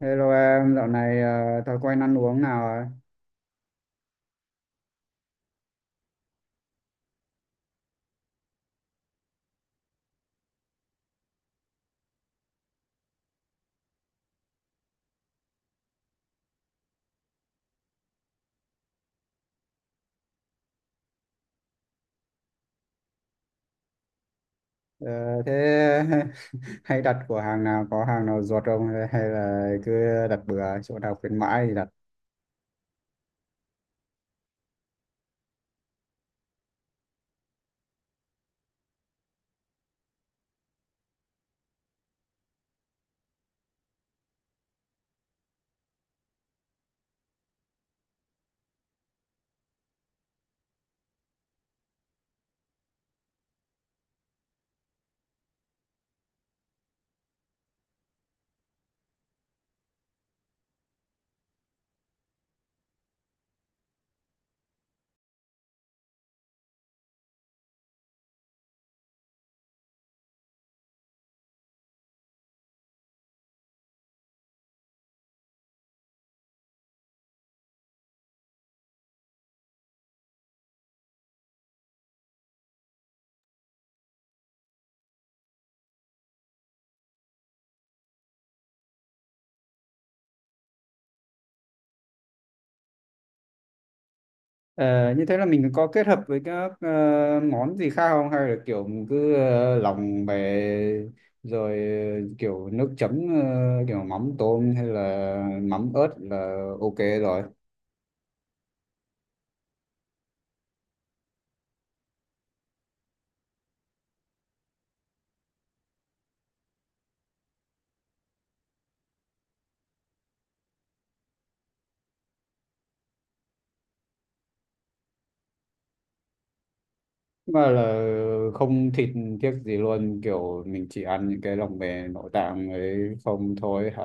Hello em, dạo này thói quen ăn uống nào ạ? Ờ, Thế hay đặt của hàng nào, có hàng nào ruột không, hay hay là cứ đặt bừa chỗ nào khuyến mãi thì đặt? Ờ, như thế là mình có kết hợp với các món gì khác không, hay là kiểu mình cứ lòng về rồi kiểu nước chấm, kiểu mắm tôm hay là mắm ớt là ok rồi? Mà là không thịt tiếc gì luôn, kiểu mình chỉ ăn những cái lòng về nội tạng ấy không thôi hả?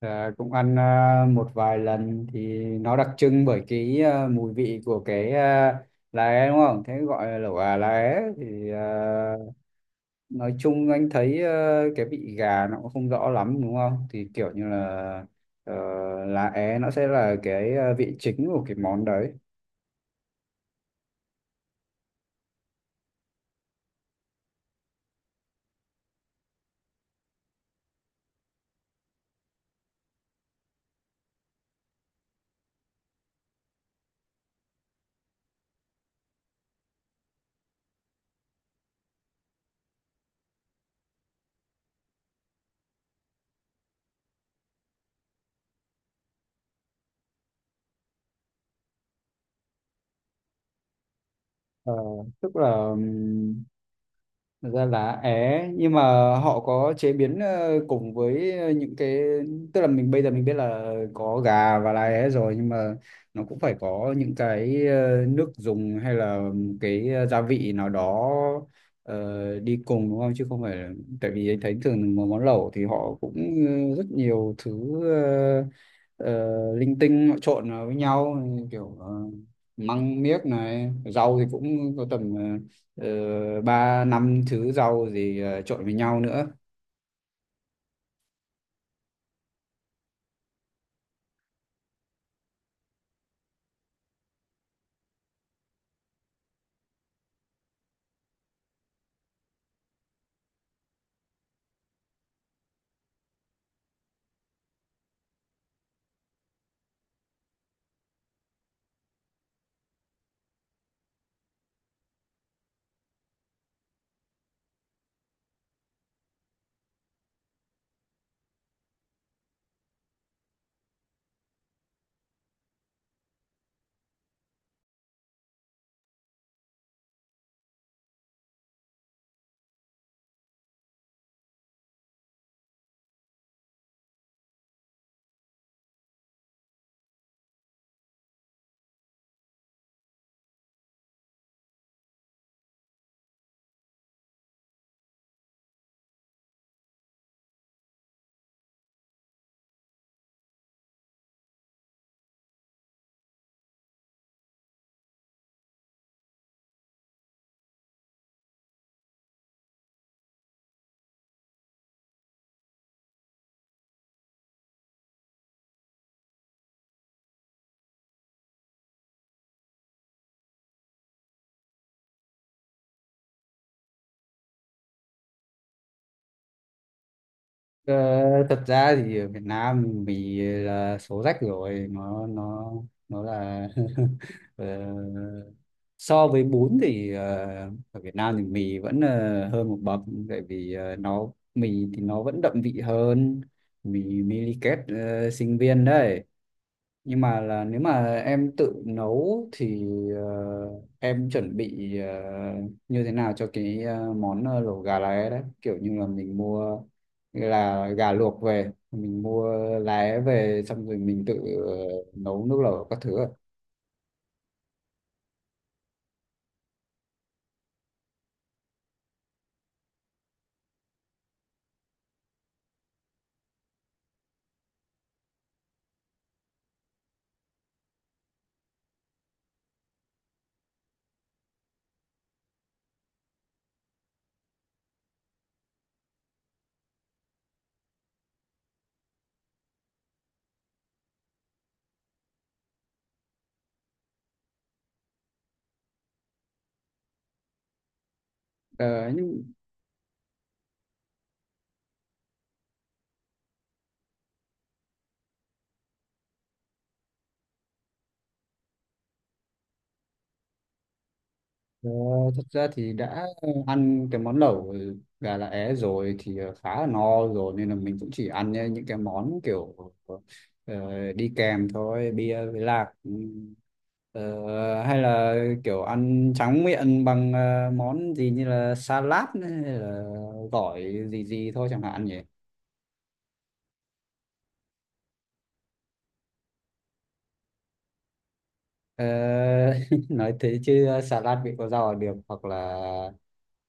Cũng ăn một vài lần thì nó đặc trưng bởi cái mùi vị của cái lá é đúng không, thế gọi là lẩu gà lá é thì à, nói chung anh thấy cái vị gà nó cũng không rõ lắm đúng không, thì kiểu như là ờ, lá é nó sẽ là cái vị chính của cái món đấy. Ờ, tức là thật ra là é, nhưng mà họ có chế biến cùng với những cái, tức là mình bây giờ mình biết là có gà và lá é rồi, nhưng mà nó cũng phải có những cái nước dùng hay là cái gia vị nào đó đi cùng đúng không, chứ không phải là- tại vì anh thấy thường một món lẩu thì họ cũng rất nhiều thứ ờ, linh tinh họ trộn vào với nhau, kiểu măng miếc này, rau thì cũng có tầm ờ, ba năm thứ rau gì trộn với nhau nữa. Ờ, thật ra thì ở Việt Nam mì là số rách rồi, nó nó là ờ, so với bún thì ở Việt Nam thì mì vẫn hơn một bậc, tại vì nó mì thì nó vẫn đậm vị hơn, mì Miliket sinh viên đấy. Nhưng mà là nếu mà em tự nấu thì ờ, em chuẩn bị như thế nào cho cái món lẩu gà lá é đấy, kiểu như là mình mua là gà luộc về, mình mua lá é về xong rồi mình tự ờ, nấu nước lẩu các thứ ạ. Ờ, nhưng ờ, thật ra thì đã ăn cái món lẩu gà lá é rồi thì khá là no rồi, nên là mình cũng chỉ ăn những cái món kiểu đi kèm thôi, bia với lạc. Ừ. Hay là kiểu ăn tráng miệng bằng món gì như là salad hay là gỏi gì gì thôi chẳng hạn nhỉ. Ờ, nói thế chứ salad vị có rau là được, hoặc là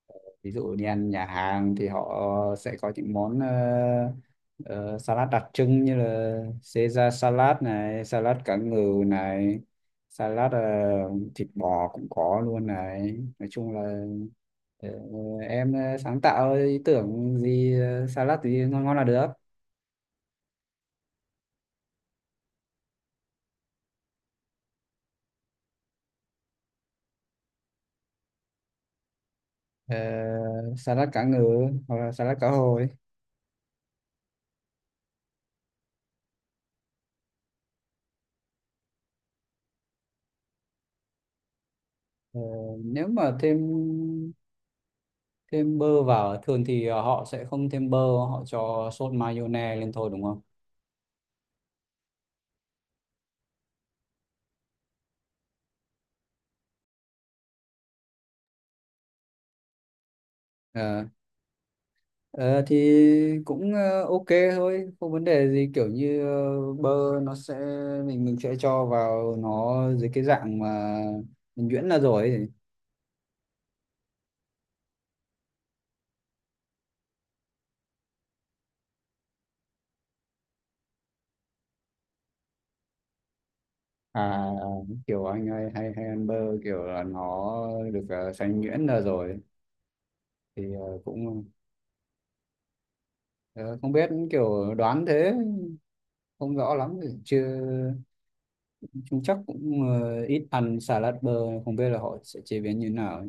ờ, ví dụ đi ăn nhà hàng thì họ sẽ có những món ờ, salad đặc trưng như là Caesar salad này, salad cá ngừ này, salad thịt bò cũng có luôn này. Nói chung là ờ, em sáng tạo ý tưởng gì salad thì ngon ngon là được. Ờ, salad cá ngừ hoặc là salad cá hồi. Ờ, nếu mà thêm thêm bơ vào à? Thường thì họ sẽ không thêm bơ, họ cho sốt mayonnaise lên thôi đúng không. Ờ, ờ, thì cũng ok thôi, không vấn đề gì, kiểu như bơ nó sẽ mình sẽ cho vào nó dưới cái dạng mà mình nhuyễn ra rồi ấy. À kiểu anh hay hay hay ăn bơ kiểu là nó được xay nhuyễn ra rồi thì cũng ờ, không biết kiểu đoán thế, không rõ lắm chưa. Chúng chắc cũng ít ăn salad bơ, không biết là họ sẽ chế biến như thế nào.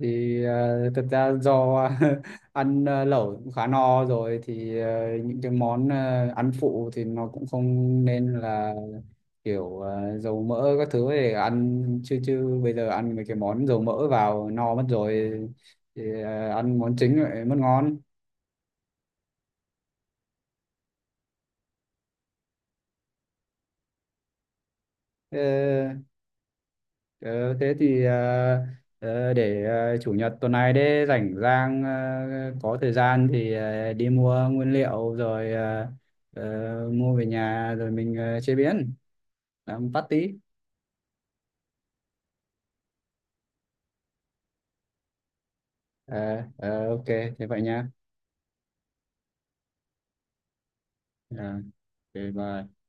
Thì thực ra do ăn lẩu cũng khá no rồi, thì những cái món ăn phụ thì nó cũng không, nên là kiểu dầu mỡ các thứ để ăn, chứ chứ bây giờ ăn mấy cái món dầu mỡ vào no mất rồi, thì ăn món chính lại mất ngon. Ờ, ờ, thế thì để chủ nhật tuần này đấy rảnh rang, có thời gian thì đi mua nguyên liệu rồi mua về nhà rồi mình chế biến làm patty. Ờ, ok thế vậy nha. Ờ, ok, bye.